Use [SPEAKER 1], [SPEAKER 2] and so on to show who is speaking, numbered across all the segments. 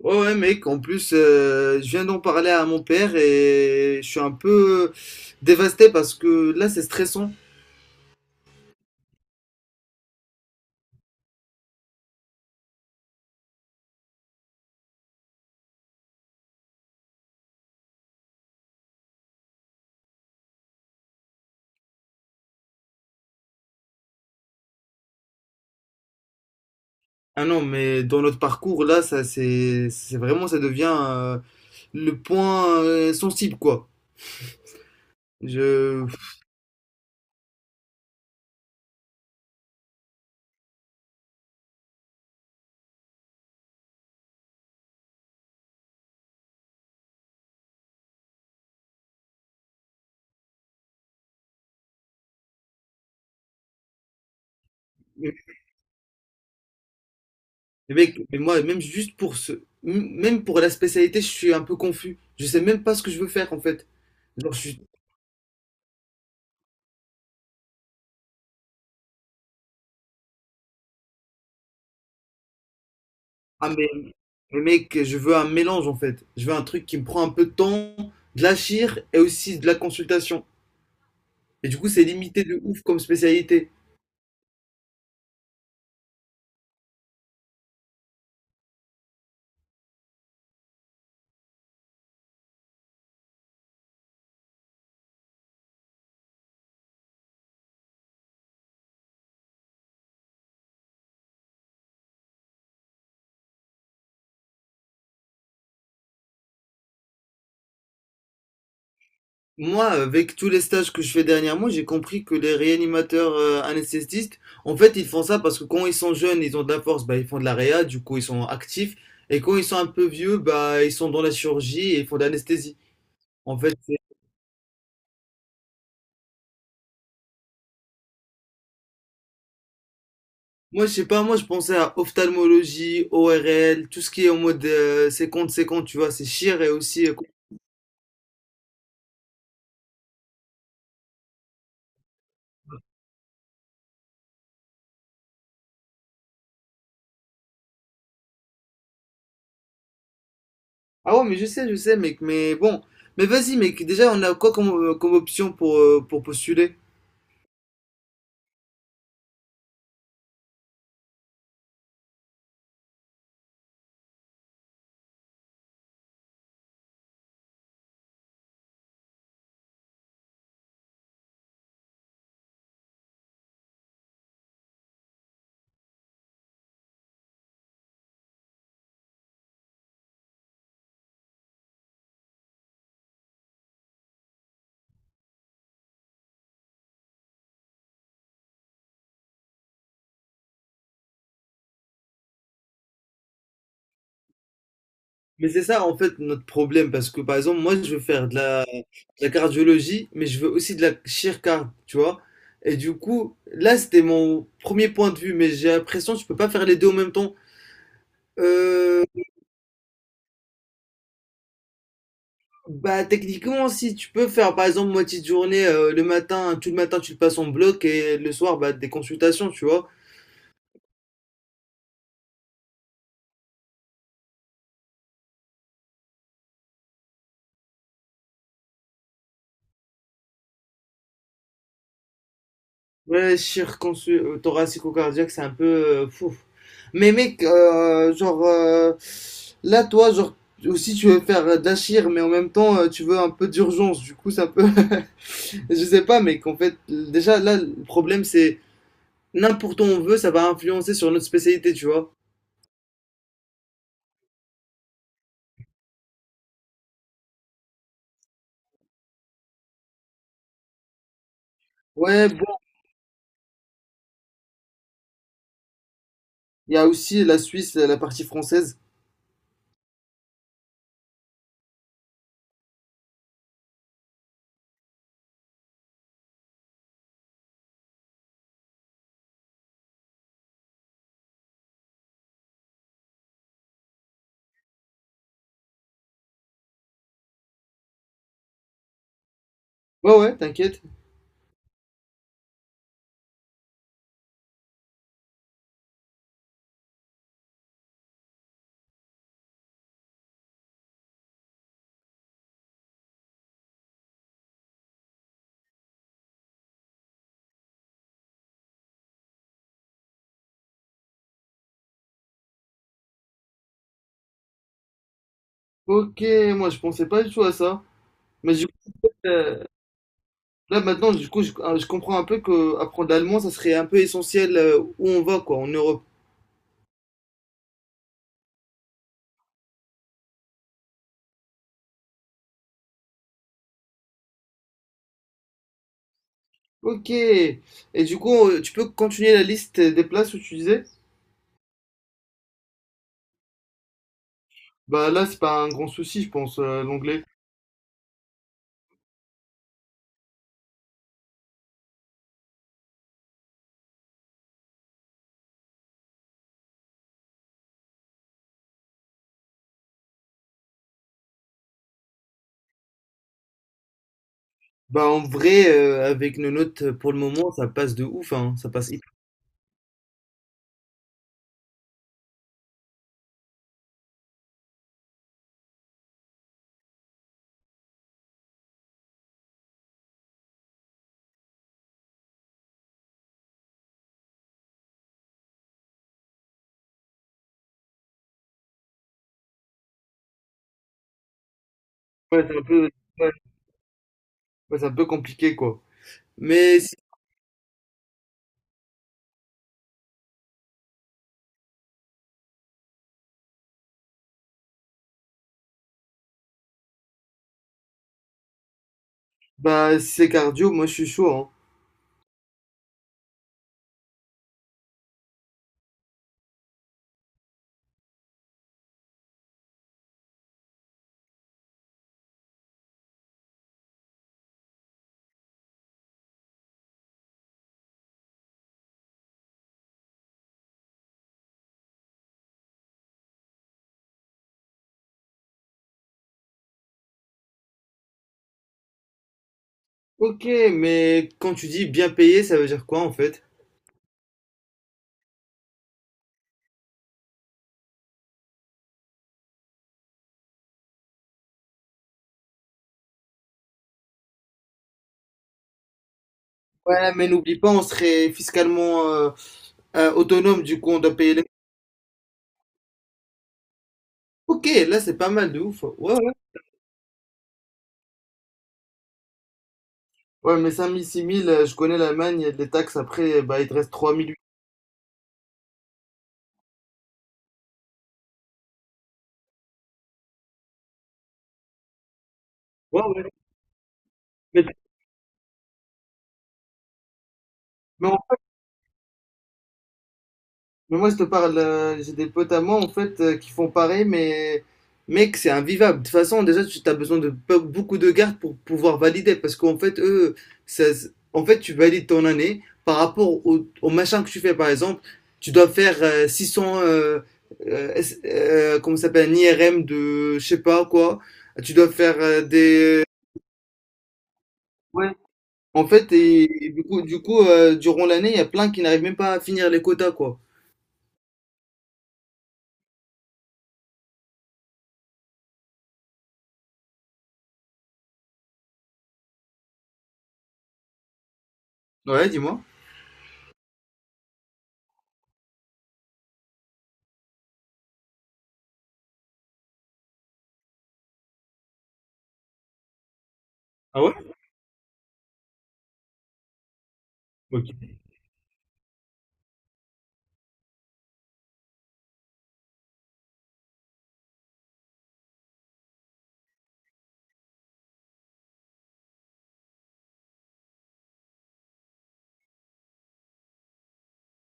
[SPEAKER 1] Ouais, ouais, mec, en plus, je viens d'en parler à mon père et je suis un peu dévasté parce que là, c'est stressant. Ah non, mais dans notre parcours, là, ça, c'est vraiment, ça devient le point sensible, quoi. Je, mais mec, mais moi, même juste pour ce, m- même pour la spécialité, je suis un peu confus. Je sais même pas ce que je veux faire, en fait. Genre, je suis, ah, mais mec, je veux un mélange, en fait. Je veux un truc qui me prend un peu de temps, de la chire et aussi de la consultation. Et du coup, c'est limité de ouf comme spécialité. Moi, avec tous les stages que je fais dernièrement, j'ai compris que les réanimateurs anesthésistes, en fait, ils font ça parce que quand ils sont jeunes, ils ont de la force, bah, ils font de la réa, du coup, ils sont actifs. Et quand ils sont un peu vieux, bah, ils sont dans la chirurgie et ils font de l'anesthésie. En fait, c'est- Moi, je sais pas, moi, je pensais à ophtalmologie, ORL, tout ce qui est en mode séquence, séquence, tu vois, c'est chir et aussi. Ah ouais, mais je sais, mec, mais bon. Mais vas-y, mec, déjà, on a quoi comme, comme option pour postuler? Mais c'est ça en fait notre problème parce que par exemple moi je veux faire de la cardiologie mais je veux aussi de la chirurgie, tu vois. Et du coup là c'était mon premier point de vue mais j'ai l'impression que tu peux pas faire les deux en même temps. Euh, bah techniquement si tu peux faire par exemple moitié de journée le matin tout le matin tu le passes en bloc et le soir bah des consultations, tu vois. Ouais, circoncis thoracico-cardiaque, c'est un peu fou. Mais mec, là, toi, genre, aussi, tu veux faire d'achir, mais en même temps, tu veux un peu d'urgence. Du coup, c'est un peu. Je sais pas, mec, en fait, déjà, là, le problème, c'est n'importe où on veut, ça va influencer sur notre spécialité, tu vois. Ouais, bon, il y a aussi la Suisse, la partie française. Ouais, ouais, t'inquiète. Ok, moi, je pensais pas du tout à ça. Mais du coup, euh, là maintenant, du coup, je comprends un peu que apprendre l'allemand, ça serait un peu essentiel où on va, quoi, en Europe. Ok. Et du coup, tu peux continuer la liste des places où tu disais? Bah là, c'est pas un grand souci, je pense, l'anglais. Bah en vrai, avec nos notes pour le moment, ça passe de ouf, hein. Ça passe hyper. Ouais, c'est un peu, ouais, ouais, c'est un peu compliqué, quoi. Mais si- bah si c'est cardio, moi je suis chaud, hein. Ok, mais quand tu dis bien payé, ça veut dire quoi en fait? Ouais, mais n'oublie pas, on serait fiscalement, autonome, du coup, on doit payer les... Ok, là, c'est pas mal de ouf. Ouais, ouais. Ouais, mais 5000, 6000, je connais l'Allemagne, les taxes, après, bah, il te reste 3000. Ouais, ouais. Mais, mais Mais moi, je te parle, j'ai des potes à moi, en fait, qui font pareil, mais mec, c'est invivable. De toute façon, déjà, tu as besoin de beaucoup de gardes pour pouvoir valider, parce qu'en fait, eux, en fait, tu valides ton année par rapport au, au machin que tu fais, par exemple, tu dois faire 600 comment ça s'appelle, un IRM de, je sais pas quoi, tu dois faire des... Ouais. En fait, et du coup, durant l'année, il y a plein qui n'arrivent même pas à finir les quotas, quoi. Ouais, dis-moi. Ah ouais? Ok.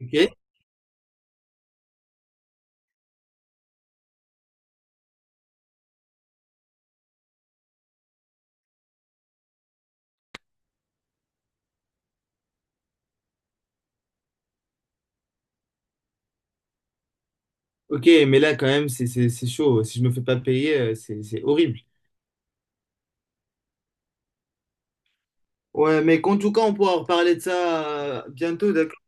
[SPEAKER 1] Ok, Ok, mais là, quand même, c'est chaud. Si je me fais pas payer, c'est c'est horrible. Ouais, mais en tout cas, on pourra reparler de ça bientôt, d'accord?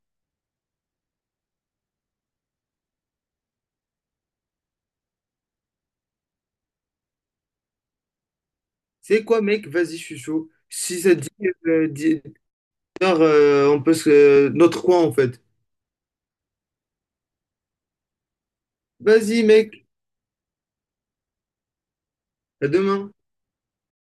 [SPEAKER 1] C'est quoi, mec? Vas-y, je suis chaud. Si ça te dit, 10 heures, on peut se... Notre coin, en fait. Vas-y, mec. À demain.